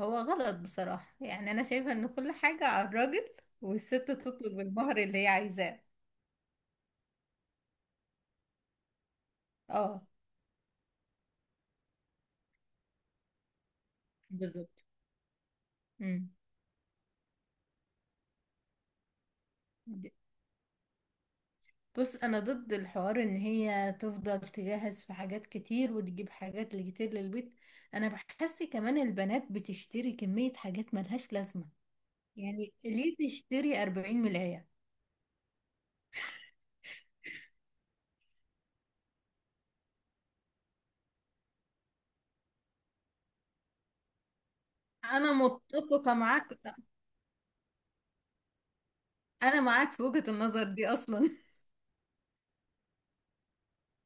هو غلط بصراحة، يعني أنا شايفة إن كل حاجة على الراجل والست تطلب المهر اللي هي عايزاه. اه، بالظبط. مم. د- بص، أنا ضد الحوار إن هي تفضل تجهز في حاجات كتير وتجيب حاجات كتير للبيت. أنا بحس كمان البنات بتشتري كمية حاجات ملهاش لازمة. يعني ليه تشتري 40 ملاية؟ أنا متفقة معاك. أنا معاك في وجهة النظر دي أصلا.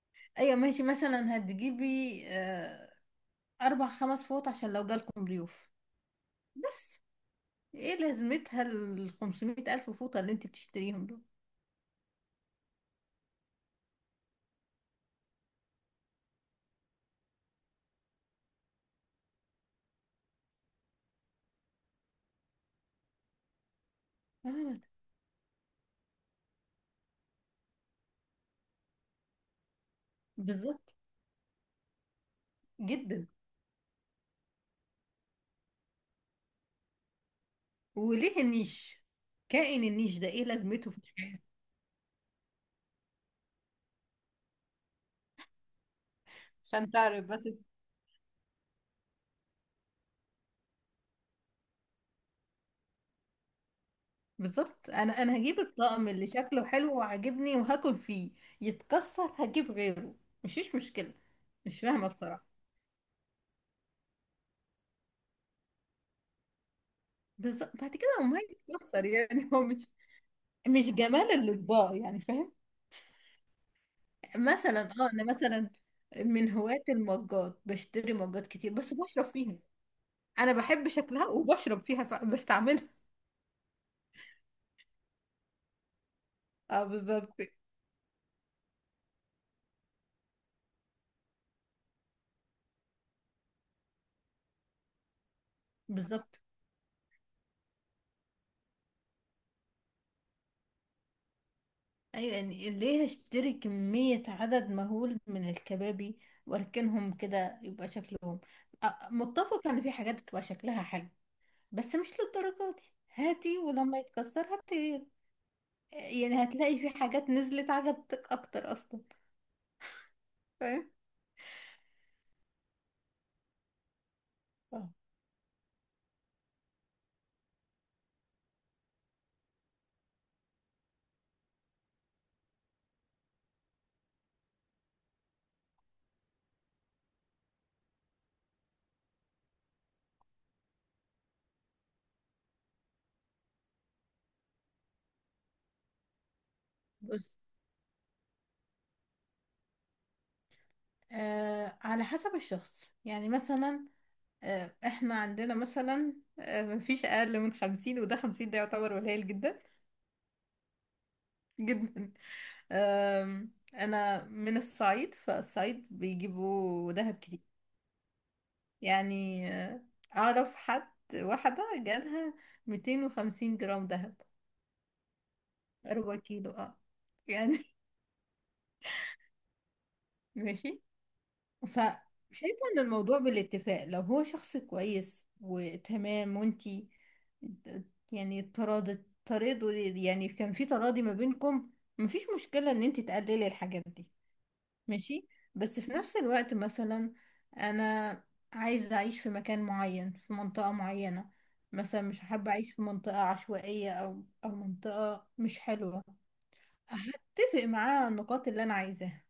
أيوة ماشي، مثلا هتجيبي آه، أربع خمس فوط عشان لو جالكم ضيوف، بس. ايه لازمتها ال 500 ألف فوطة اللي انت بتشتريهم دول؟ آه، بالظبط. جدا. وليه النيش؟ كائن النيش ده ايه لازمته في الحياة؟ عشان تعرف بس. بالظبط، انا هجيب الطقم اللي شكله حلو وعاجبني وهاكل فيه. يتكسر هجيب غيره. مفيش مشكلة. مش فاهمة بصراحة. بالظبط، بعد كده هو ما يتكسر، يعني هو مش جمال الأطباق، يعني فاهم. مثلا اه انا مثلا من هواة المجات، بشتري مجات كتير بس بشرب فيها. انا بحب شكلها وبشرب فيها فبستعملها. اه، بالظبط. بالظبط، ايوه، يعني ليه هشتري كمية عدد مهول من الكبابي واركنهم كده يبقى شكلهم؟ آه، متفق ان في حاجات بتبقى شكلها حلو، بس مش للدرجة دي. هاتي، ولما يتكسر هاتي. يعني هتلاقي في حاجات نزلت عجبتك اكتر اصلا، فاهم. آه. بس آه، على حسب الشخص، يعني مثلا، آه احنا عندنا مثلا، آه مفيش اقل من خمسين، وده خمسين ده يعتبر قليل جدا. جدا. آه. انا من الصعيد، فالصعيد بيجيبوا دهب كتير. يعني آه، اعرف حد واحدة جالها 250 جرام دهب. ربع كيلو، اه. يعني ماشي، فشايفة ان الموضوع بالاتفاق، لو هو شخص كويس وتمام وانتي، يعني تراضي، تراضوا، يعني كان في تراضي ما بينكم، مفيش مشكلة ان انتي تقللي الحاجات دي، ماشي. بس في نفس الوقت مثلا، انا عايزة اعيش في مكان معين، في منطقة معينة. مثلا مش حابة اعيش في منطقة عشوائية، او او منطقة مش حلوة. هتفق معاه على النقاط اللي انا عايزاها.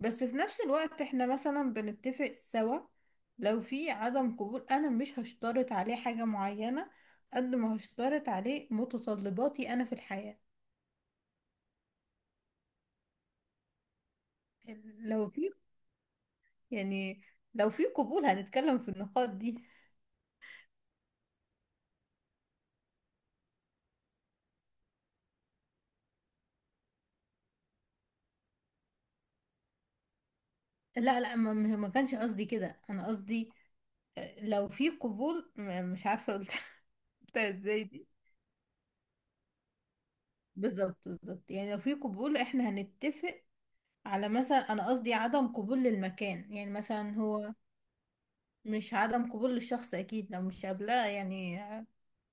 بس في نفس الوقت احنا مثلا بنتفق سوا. لو في عدم قبول انا مش هشترط عليه حاجة معينة، قد ما هشترط عليه متطلباتي انا في الحياة. لو في يعني لو في قبول هنتكلم في النقاط دي. لا لا، ما كانش قصدي كده، انا قصدي آه، لو في قبول، مش عارفة قلت قلتها ازاي دي. بالظبط بالظبط، يعني لو في قبول احنا هنتفق على مثلا، انا قصدي عدم قبول للمكان، يعني مثلا هو مش عدم قبول للشخص، اكيد لو مش قابلاه يعني.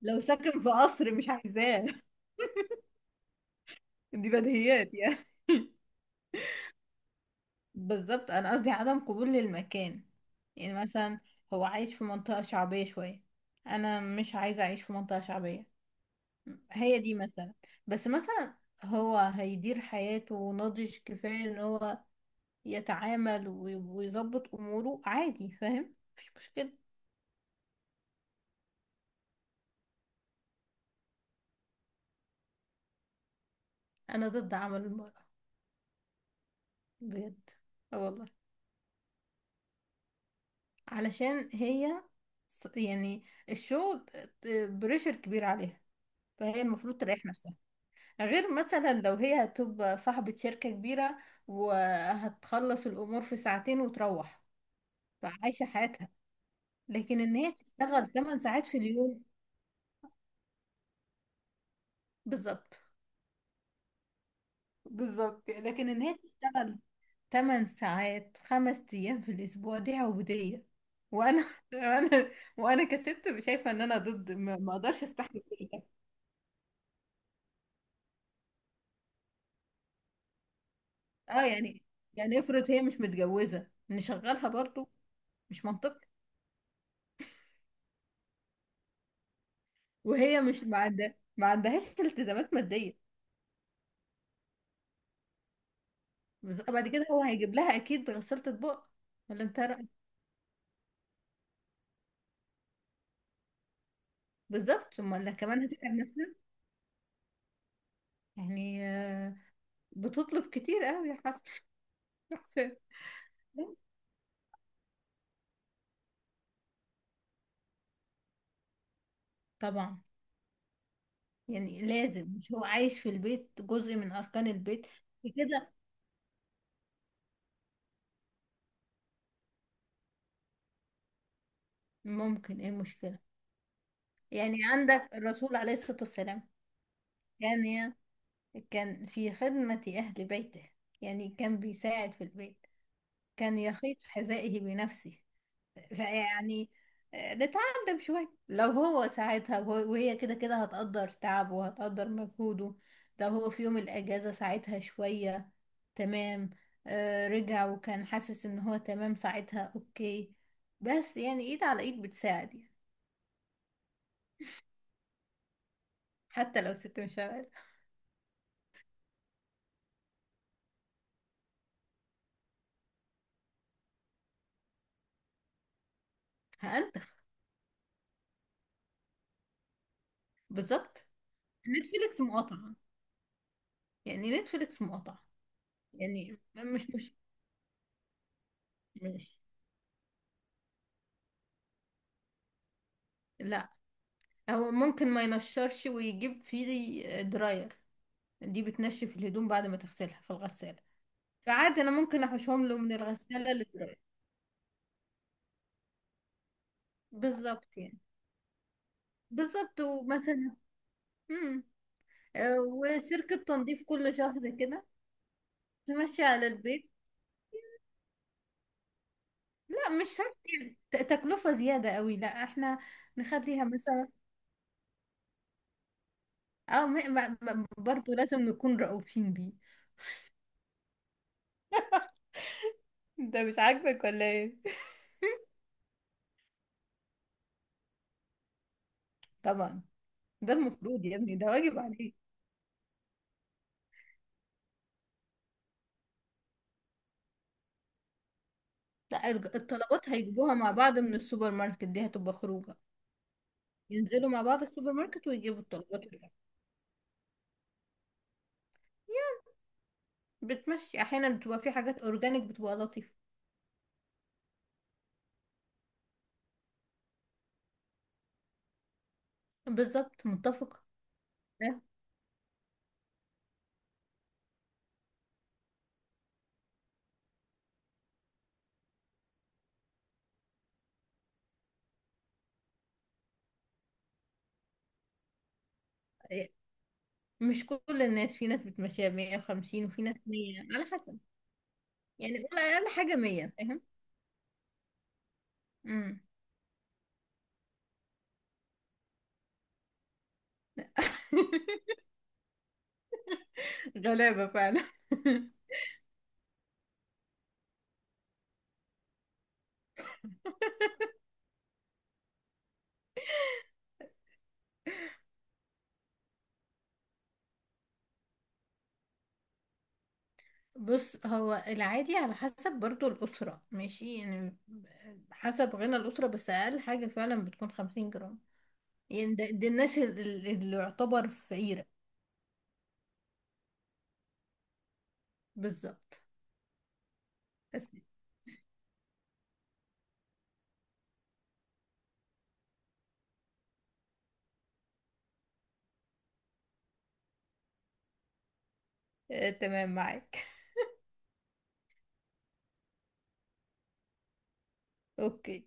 لو ساكن في قصر مش عايزاه. دي بديهيات يعني. بالظبط، انا قصدي عدم قبول للمكان. يعني مثلا هو عايش في منطقة شعبية شوية، انا مش عايزة اعيش في منطقة شعبية. هي دي مثلا. بس مثلا هو هيدير حياته ناضج كفاية ان هو يتعامل ويظبط اموره عادي، فاهم، مفيش مشكلة. انا ضد عمل المرأة. بجد. آه والله. علشان هي يعني الشغل بريشر كبير عليها، فهي المفروض تريح نفسها. غير مثلا لو هي هتبقى صاحبة شركة كبيرة وهتخلص الأمور في ساعتين وتروح، فعايشة حياتها. لكن إن هي تشتغل 8 ساعات في اليوم. بالظبط. بالظبط، لكن إن هي تشتغل 8 ساعات 5 أيام في الأسبوع دي عبودية. وأنا وأنا وأنا كست شايفة إن أنا ضد، ما أقدرش أستحمل كده. اه، يعني افرض هي مش متجوزة نشغلها برضو؟ مش منطقي. وهي مش ما عندهاش التزامات مادية. بعد كده هو هيجيب لها اكيد غسالة اطباق، ولا انت رأيك؟ بالظبط، امال لا كمان هتتعب نفسها. يعني آه، بتطلب كتير قوي يا حسن، يا حسام. لا. طبعا. يعني لازم، مش هو عايش في البيت جزء من اركان البيت. كده ممكن، ايه المشكلة؟ يعني عندك الرسول عليه الصلاة والسلام كان، كان في خدمة أهل بيته. يعني كان بيساعد في البيت. كان يخيط حذائه بنفسه. فيعني آه، نتعلم شوية. لو هو ساعدها وهي كده كده هتقدر تعبه وهتقدر مجهوده. لو هو في يوم الأجازة ساعدها شوية، تمام. آه، رجع وكان حاسس إن هو تمام، ساعتها أوكي. بس يعني إيد على إيد بتساعد يعني. حتى لو ست مش شغالة. هأنتخ. بالظبط. نتفليكس مقاطعة، يعني نتفليكس مقاطعة، يعني مش. لا، هو ممكن ما ينشرش ويجيب فيه دراير. دي بتنشف الهدوم بعد ما تغسلها في الغسالة. فعادي انا ممكن احوشهم له من الغسالة للدراير. بالظبط يعني، بالظبط ومثلا. امم. آه، وشركة تنظيف كل شهر كده، تمشي على البيت. لا مش شرط، يعني تكلفة زيادة قوي. لا احنا نخليها مثلا، او م- ب- ب- برضه لازم نكون رؤوفين بيه. انت مش عاجبك ولا ايه؟ طبعا. ده المفروض يا ابني ده واجب عليك. لا، الطلبات هيجيبوها مع بعض من السوبر ماركت، دي هتبقى خروجة. ينزلوا مع بعض السوبر ماركت ويجيبوا الطلبات ويرجعوا. بتمشي احيانا، بتبقى في حاجات اورجانيك بتبقى لطيفة. بالظبط، متفقة. ها؟ إيه، مش كل الناس، في ناس بتمشيها 150، وفي ناس 100، على حسب. يعني قول اقل حاجة 100، فاهم. امم. غلابة فعلا. بص هو العادي على حسب برضو الأسرة، ماشي يعني حسب غنى الأسرة، بس أقل حاجة فعلا بتكون 50 جرام. يعني ده الناس، اللي يعتبر فقيرة. بالظبط. بس آه، تمام معاك. اوكي.